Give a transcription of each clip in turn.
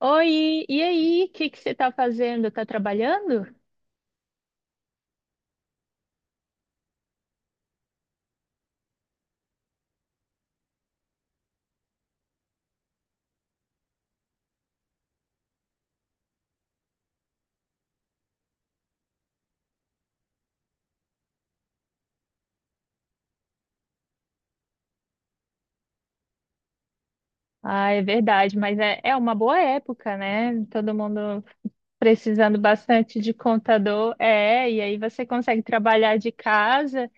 Oi, e aí? O que que você está fazendo? Está trabalhando? Ah, é verdade, mas é uma boa época, né? Todo mundo precisando bastante de contador. É, e aí você consegue trabalhar de casa,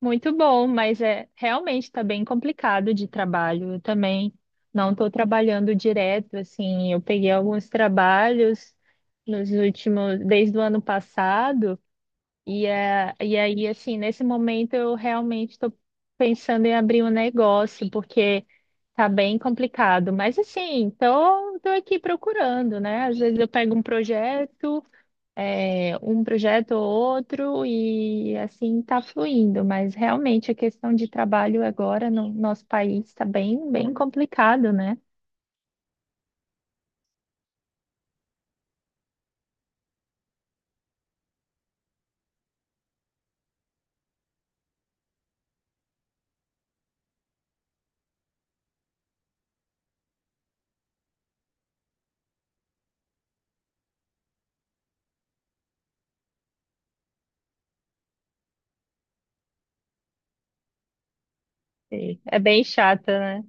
muito bom, mas é realmente está bem complicado de trabalho. Eu também não estou trabalhando direto, assim, eu peguei alguns trabalhos nos últimos, desde o ano passado. E aí, assim, nesse momento eu realmente estou pensando em abrir um negócio, porque tá bem complicado. Mas, assim, tô aqui procurando, né? Às vezes eu pego um projeto, um projeto ou outro, e assim tá fluindo. Mas realmente a questão de trabalho agora no nosso país está bem, bem complicado, né? É bem chata, né?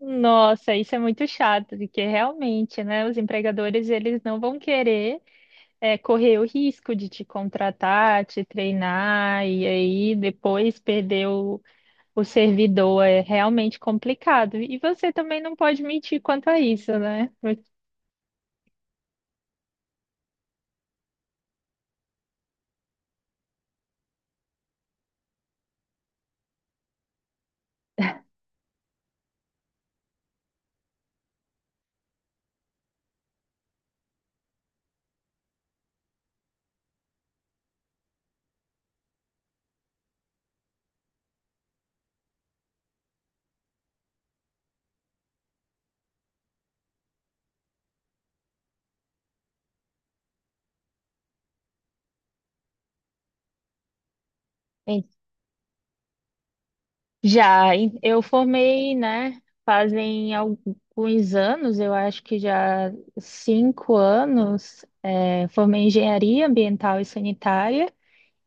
Nossa, isso é muito chato, porque realmente, né, os empregadores eles não vão querer correr o risco de te contratar, te treinar e aí depois perder o servidor é realmente complicado. E você também não pode mentir quanto a isso, né? Já, eu formei, né? Fazem alguns anos, eu acho que já 5 anos, formei engenharia ambiental e sanitária.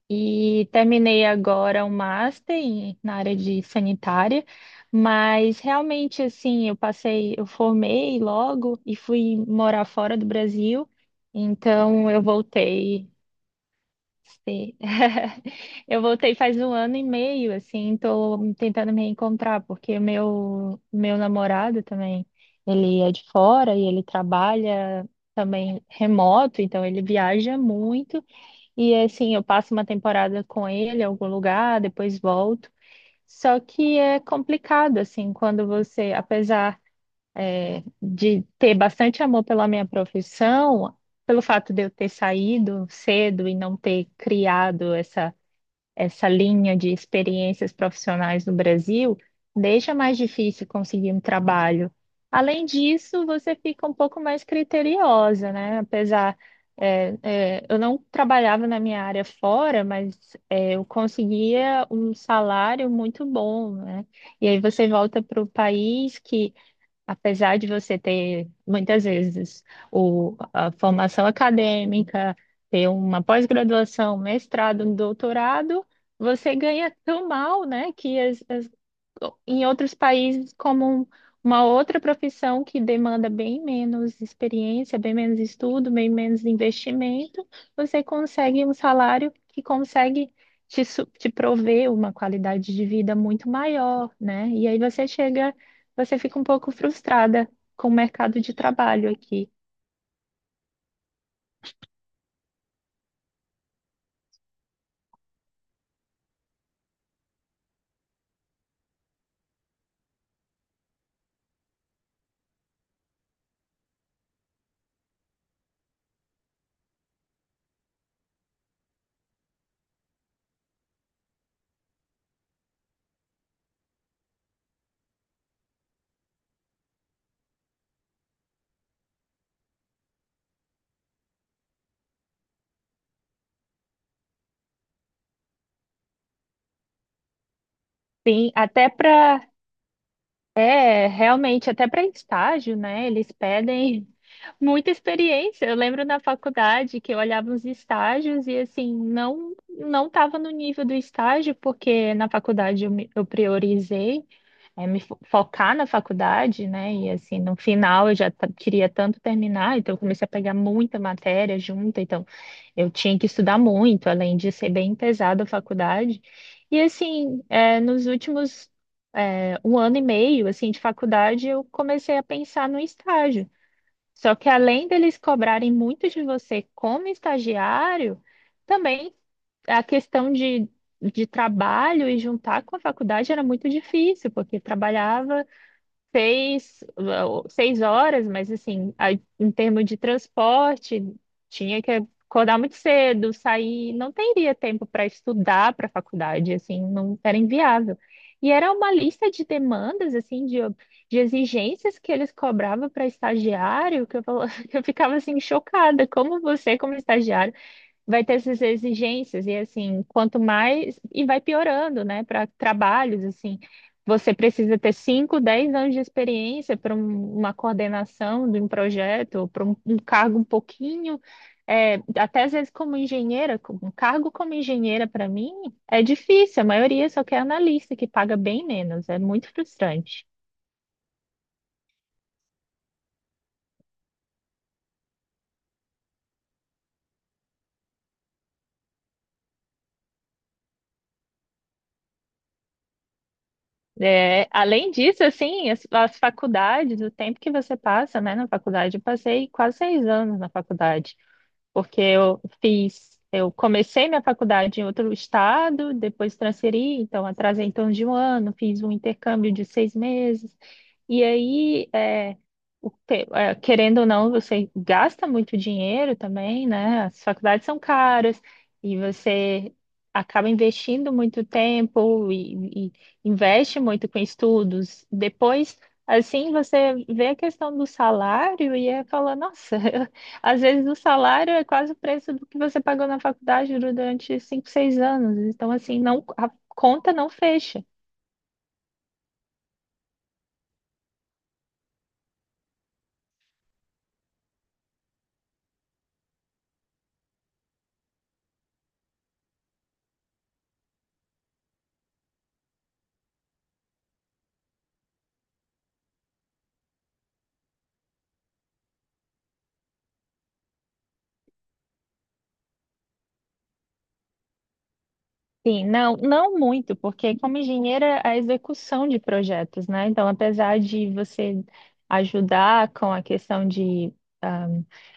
E terminei agora um master na área de sanitária, mas realmente assim, eu passei, eu formei logo e fui morar fora do Brasil. Então eu voltei, sim. Eu voltei faz um ano e meio, assim, estou tentando me reencontrar, porque meu namorado também, ele é de fora e ele trabalha também remoto, então ele viaja muito. E assim, eu passo uma temporada com ele em algum lugar, depois volto. Só que é complicado, assim, quando você, apesar, de ter bastante amor pela minha profissão, pelo fato de eu ter saído cedo e não ter criado essa linha de experiências profissionais no Brasil deixa mais difícil conseguir um trabalho. Além disso, você fica um pouco mais criteriosa, né? Apesar, eu não trabalhava na minha área fora, mas eu conseguia um salário muito bom, né? E aí você volta para o país que, apesar de você ter, muitas vezes, a formação acadêmica, ter uma pós-graduação, mestrado, um doutorado, você ganha tão mal, né, que em outros países, como uma outra profissão que demanda bem menos experiência, bem menos estudo, bem menos investimento, você consegue um salário que consegue te prover uma qualidade de vida muito maior, né? E aí você chega você fica um pouco frustrada com o mercado de trabalho aqui. Sim, até para, realmente, até para estágio, né? Eles pedem muita experiência. Eu lembro na faculdade que eu olhava os estágios e assim, não estava no nível do estágio, porque na faculdade eu, eu priorizei focar na faculdade, né? E assim, no final eu já queria tanto terminar, então eu comecei a pegar muita matéria junta, então eu tinha que estudar muito, além de ser bem pesada a faculdade. E assim, nos últimos um ano e meio assim de faculdade, eu comecei a pensar no estágio. Só que além deles cobrarem muito de você como estagiário, também a questão de, trabalho e juntar com a faculdade era muito difícil, porque trabalhava seis horas, mas assim, aí, em termos de transporte, tinha que acordar muito cedo, sair, não teria tempo para estudar para a faculdade, assim, não era inviável. E era uma lista de demandas, assim, de, exigências que eles cobravam para estagiário, que eu, que eu ficava assim chocada, como você, como estagiário vai ter essas exigências e assim, quanto mais e vai piorando, né, para trabalhos assim. Você precisa ter 5, 10 anos de experiência para uma coordenação de um projeto, para um cargo um pouquinho, até às vezes como engenheira, um cargo como engenheira para mim é difícil, a maioria só quer analista, que paga bem menos, é muito frustrante. É, além disso, assim, as faculdades, o tempo que você passa, né, na faculdade, eu passei quase 6 anos na faculdade. Porque eu fiz, eu comecei minha faculdade em outro estado, depois transferi, então atrasei em torno de um ano, fiz um intercâmbio de 6 meses, e aí, querendo ou não, você gasta muito dinheiro também, né? As faculdades são caras e você acaba investindo muito tempo e investe muito com estudos. Depois, assim, você vê a questão do salário e aí fala, nossa. Às vezes o salário é quase o preço do que você pagou na faculdade durante 5, 6 anos. Então, assim, não, a conta não fecha. Sim, não, não muito, porque como engenheira, a execução de projetos, né? Então, apesar de você ajudar com a questão de ah,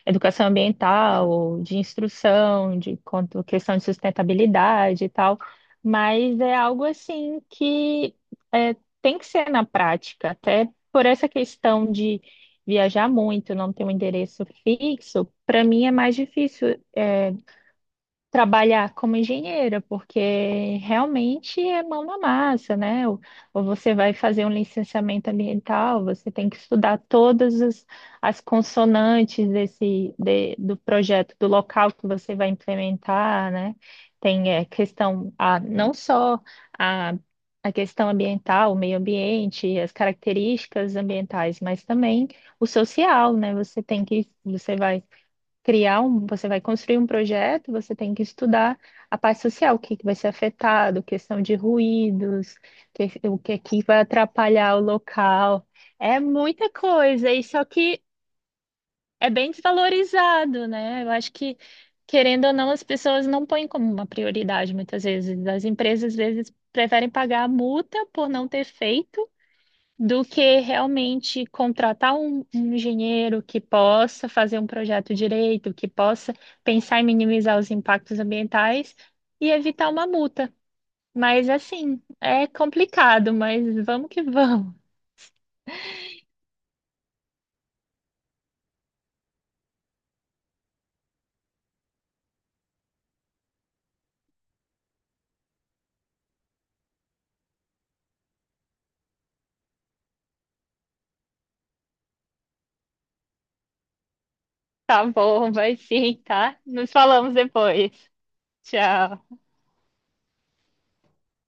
educação ambiental, ou de instrução, de quanto questão de sustentabilidade e tal, mas é algo assim que tem que ser na prática, até por essa questão de viajar muito, não ter um endereço fixo, para mim é mais difícil trabalhar como engenheira, porque realmente é mão na massa, né? Ou você vai fazer um licenciamento ambiental, você tem que estudar todas as consonantes do projeto, do local que você vai implementar, né? Tem questão, a, não só a, a questão ambiental, o meio ambiente, as características ambientais, mas também o social, né? Você tem que, você vai criar um, você vai construir um projeto, você tem que estudar a parte social, o que que vai ser afetado, questão de ruídos, o que que vai atrapalhar o local. É muita coisa, e só que é bem desvalorizado, né? Eu acho que, querendo ou não, as pessoas não põem como uma prioridade muitas vezes. As empresas, às vezes, preferem pagar a multa por não ter feito do que realmente contratar um engenheiro que possa fazer um projeto direito, que possa pensar em minimizar os impactos ambientais e evitar uma multa. Mas assim, é complicado, mas vamos que vamos. Tá bom, vai sim, tá? Nos falamos depois. Tchau.